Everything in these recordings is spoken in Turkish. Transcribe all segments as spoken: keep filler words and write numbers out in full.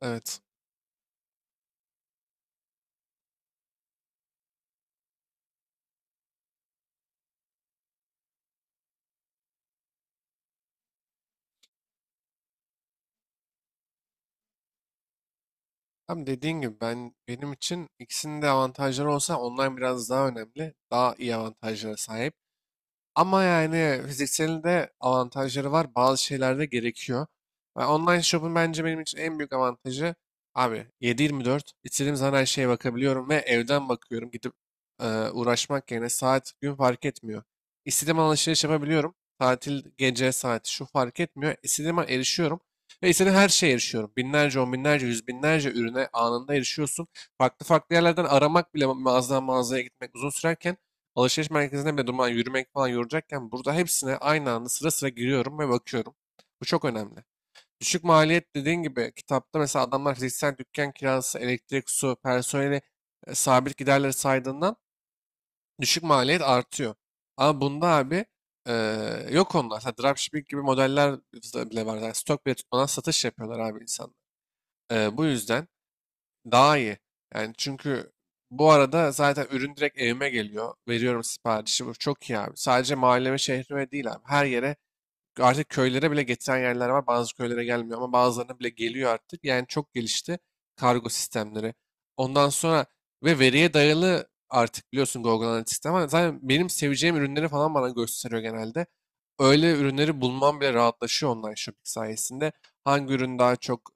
Evet. Tam dediğin gibi ben benim için ikisinin de avantajları olsa online biraz daha önemli. Daha iyi avantajlara sahip. Ama yani fizikselin de avantajları var. Bazı şeyler de gerekiyor. Ve online shop'un bence benim için en büyük avantajı abi yedi yirmi dört istediğim zaman her şeye bakabiliyorum ve evden bakıyorum. Gidip e, uğraşmak yerine saat gün fark etmiyor. İstediğim an alışveriş yapabiliyorum. Tatil gece saati şu fark etmiyor. İstediğim an erişiyorum. Ve istediğim her şeye erişiyorum. Binlerce, on binlerce, yüz binlerce ürüne anında erişiyorsun. Farklı farklı yerlerden aramak bile mağazadan mağazaya gitmek uzun sürerken alışveriş merkezinde bile durmadan yürümek falan yoracakken burada hepsine aynı anda sıra sıra giriyorum ve bakıyorum. Bu çok önemli. Düşük maliyet dediğin gibi kitapta mesela adamlar fiziksel dükkan kirası, elektrik, su, personeli e, sabit giderleri saydığından düşük maliyet artıyor. Ama bunda abi e, yok onlar. Mesela dropshipping gibi modeller bile var. Yani stok bile tutmadan satış yapıyorlar abi insanlar. E, bu yüzden daha iyi. Yani çünkü bu arada zaten ürün direkt evime geliyor. Veriyorum siparişi. Bu çok iyi abi. Sadece mahalleme, şehrime değil abi. Her yere artık köylere bile getiren yerler var. Bazı köylere gelmiyor ama bazılarına bile geliyor artık. Yani çok gelişti kargo sistemleri. Ondan sonra ve veriye dayalı artık biliyorsun Google Analytics ama zaten benim seveceğim ürünleri falan bana gösteriyor genelde. Öyle ürünleri bulmam bile rahatlaşıyor online shopping sayesinde. Hangi ürün daha çok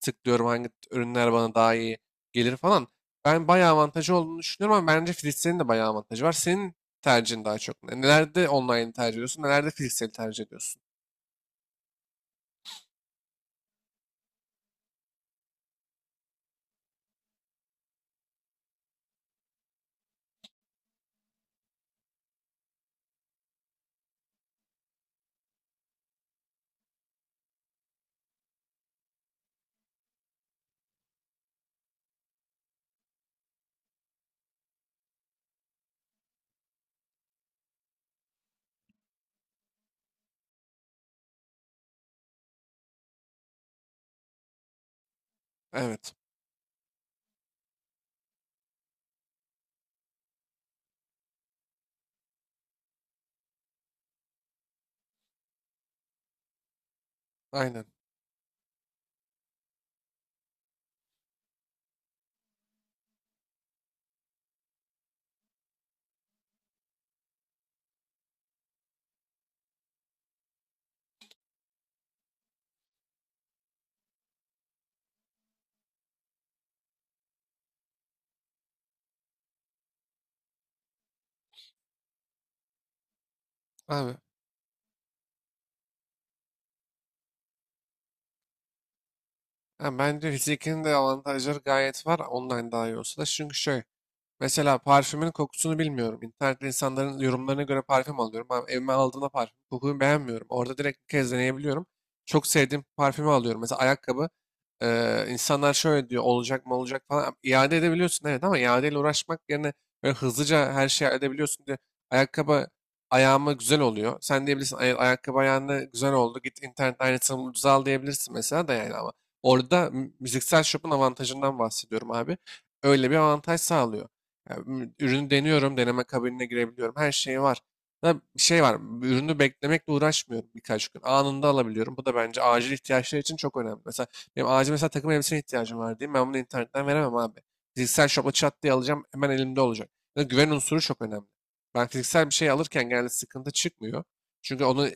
tıklıyorum, hangi ürünler bana daha iyi gelir falan. Ben bayağı avantajı olduğunu düşünüyorum ama bence Philips'in de bayağı avantajı var. Senin tercihin daha çok ne? Nelerde online tercih ediyorsun, nelerde fiziksel tercih ediyorsun? Evet. Aynen. Abi. Ha, bence fizikinin de avantajları gayet var. Online daha iyi olsa da. Çünkü şöyle. Mesela parfümün kokusunu bilmiyorum. İnternette insanların yorumlarına göre parfüm alıyorum. Ama evime aldığımda parfüm kokuyu beğenmiyorum. Orada direkt bir kez deneyebiliyorum. Çok sevdiğim parfümü alıyorum. Mesela ayakkabı eee, insanlar şöyle diyor olacak mı olacak falan. İade edebiliyorsun evet ama iadeyle uğraşmak yerine böyle hızlıca her şeyi edebiliyorsun diye ayakkabı ayağıma güzel oluyor. Sen diyebilirsin "Ay- ayakkabı ayağına güzel oldu. Git internet aynısını ucuza al" diyebilirsin mesela da yani ama. Orada müziksel shop'un avantajından bahsediyorum abi. Öyle bir avantaj sağlıyor. Ya, ü- ürünü deniyorum, deneme kabinine girebiliyorum. Her şeyi var. Ya, bir şey var, ürünü beklemekle uğraşmıyorum birkaç gün. Anında alabiliyorum. Bu da bence acil ihtiyaçlar için çok önemli. Mesela benim acil mesela takım elbiseye ihtiyacım var diyeyim. Ben bunu internetten veremem abi. Fiziksel shop'a çat diye alacağım. Hemen elimde olacak. Ya, güven unsuru çok önemli. Ben fiziksel bir şey alırken genelde sıkıntı çıkmıyor. Çünkü onu e,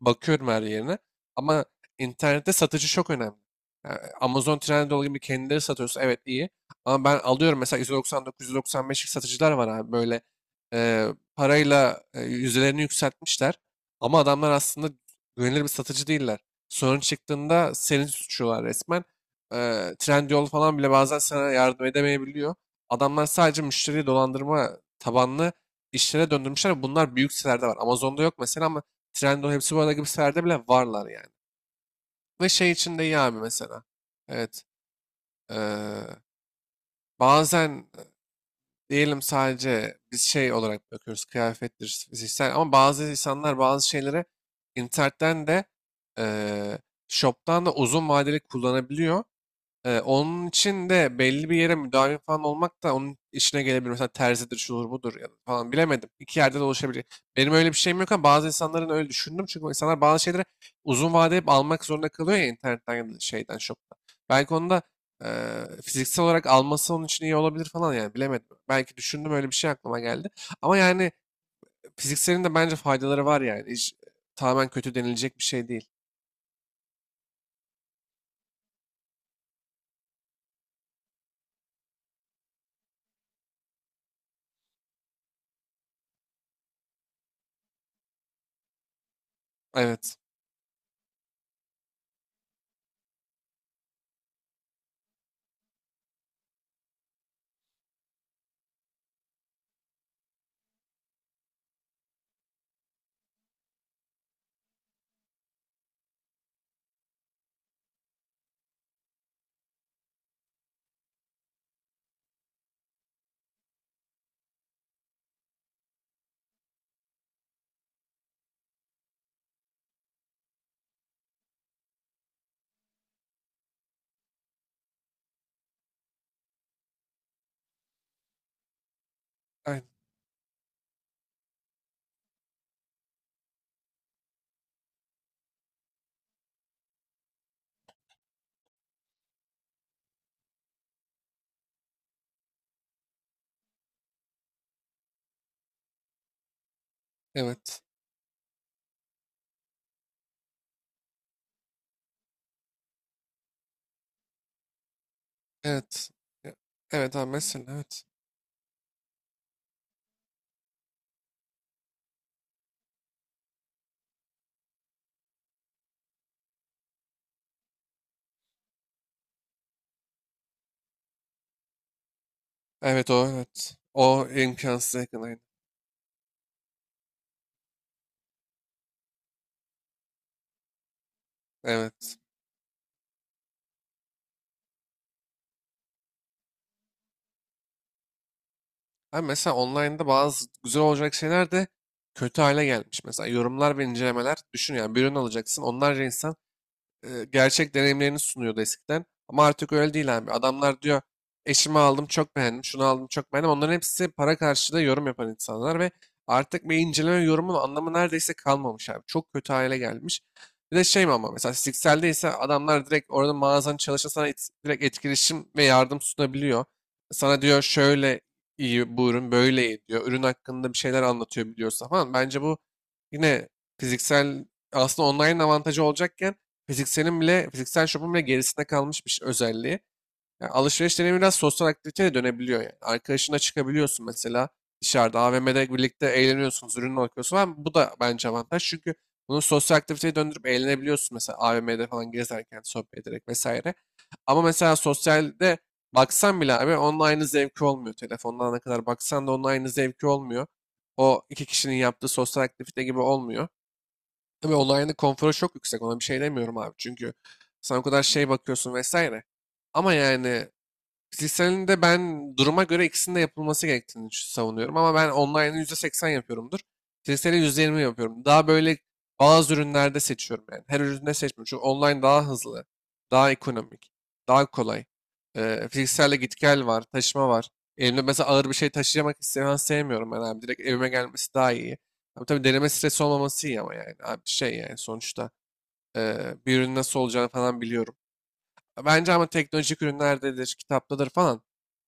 bakıyorum her yerine. Ama internette satıcı çok önemli. Yani Amazon, Trendyol gibi kendileri satıyorsa evet iyi. Ama ben alıyorum mesela yüz doksan dokuz yüz doksan beşlik satıcılar var abi böyle e, parayla e, yüzdelerini yükseltmişler. Ama adamlar aslında güvenilir bir satıcı değiller. Sorun çıktığında seni suçluyorlar resmen. E, Trendyol falan bile bazen sana yardım edemeyebiliyor. Adamlar sadece müşteriyi dolandırma tabanlı işlere döndürmüşler. Bunlar büyük sitelerde var. Amazon'da yok mesela ama Trendyol hepsi bu arada gibi sitelerde bile varlar yani. Ve şey için de iyi abi mesela. Evet. e, bazen diyelim sadece biz şey olarak bakıyoruz kıyafettir fiziksel ama bazı insanlar bazı şeyleri internetten de eee shop'tan da uzun vadeli kullanabiliyor. Ee, onun için de belli bir yere müdavim falan olmak da onun işine gelebilir. Mesela terzidir, şudur budur ya da falan bilemedim. İki yerde de oluşabilir. Benim öyle bir şeyim yok ama bazı insanların öyle düşündüm. Çünkü insanlar bazı şeyleri uzun vade hep almak zorunda kalıyor ya internetten ya da şeyden, shop'tan. Belki onu da e, fiziksel olarak alması onun için iyi olabilir falan yani bilemedim. Belki düşündüm öyle bir şey aklıma geldi. Ama yani fizikselin de bence faydaları var yani. Hiç, tamamen kötü denilecek bir şey değil. Evet. Aynen. Evet. Evet. Ya- Evet abi mesela evet. Evet o evet. O imkansız yakın aynen. Evet. Abi mesela online'da bazı güzel olacak şeyler de kötü hale gelmiş. Mesela yorumlar ve incelemeler düşün yani bir ürün alacaksın. Onlarca insan e, gerçek deneyimlerini sunuyordu eskiden. Ama artık öyle değil abi. Adamlar diyor eşimi aldım çok beğendim, şunu aldım çok beğendim. Onların hepsi para karşılığı yorum yapan insanlar ve artık bir inceleme yorumun anlamı neredeyse kalmamış abi. Çok kötü hale gelmiş. Bir de şey mi ama mesela Sixel'de ise adamlar direkt orada mağazanın çalışan sana et- direkt etkileşim ve yardım sunabiliyor. Sana diyor şöyle iyi bu ürün böyle iyi diyor. Ürün hakkında bir şeyler anlatıyor biliyorsa falan. Bence bu yine fiziksel aslında online avantajı olacakken fizikselin bile, fiziksel şopun bile gerisinde kalmış bir şey- özelliği. Yani alışveriş deneyimi biraz sosyal aktiviteye de dönebiliyor yani. Arkadaşına çıkabiliyorsun mesela dışarıda A V M'de birlikte eğleniyorsunuz, ürünü bakıyorsun. Ama bu da bence avantaj çünkü bunu sosyal aktiviteye döndürüp eğlenebiliyorsun mesela A V M'de falan gezerken sohbet ederek vesaire. Ama mesela sosyalde baksan bile abi onun aynı zevki olmuyor. Telefondan ne kadar baksan da onun aynı zevki olmuyor. O iki kişinin yaptığı sosyal aktivite gibi olmuyor. Tabii online'ın konforu çok yüksek. Ona bir şey demiyorum abi. Çünkü sen o kadar şey bakıyorsun vesaire. Ama yani fiziksel de ben duruma göre ikisinin de yapılması gerektiğini savunuyorum ama ben online'ı yüzde seksen yapıyorumdur. Fiziksel'i yüzde yirmi yapıyorum. Daha böyle bazı ürünlerde seçiyorum yani. Her üründe seçmiyorum. Çünkü online daha hızlı, daha ekonomik, daha kolay. Ee, fizikselde git gel var, taşıma var. Elimde mesela ağır bir şey taşıyamak istemem sevmiyorum ben abi. Direkt evime gelmesi daha iyi. Ama tabii deneme stresi olmaması iyi ama yani. Abi şey yani sonuçta e, bir ürün nasıl olacağını falan biliyorum. Bence ama teknolojik ürünlerdedir, kitaptadır falan.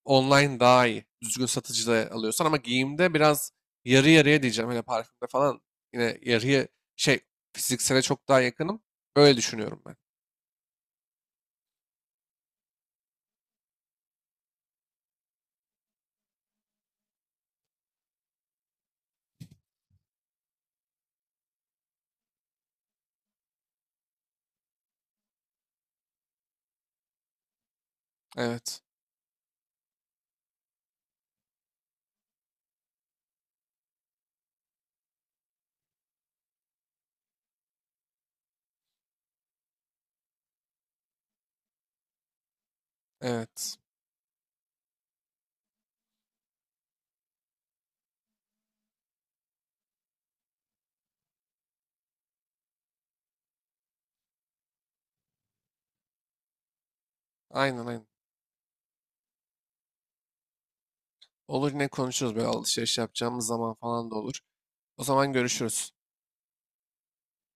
Online daha iyi. Düzgün satıcıda alıyorsan ama giyimde biraz yarı yarıya diyeceğim. Hele parfümde falan yine yarıya şey fiziksele çok daha yakınım. Öyle düşünüyorum ben. Evet. Evet. Aynen aynen. Olur yine konuşuruz böyle alışveriş yapacağımız zaman falan da olur. O zaman görüşürüz.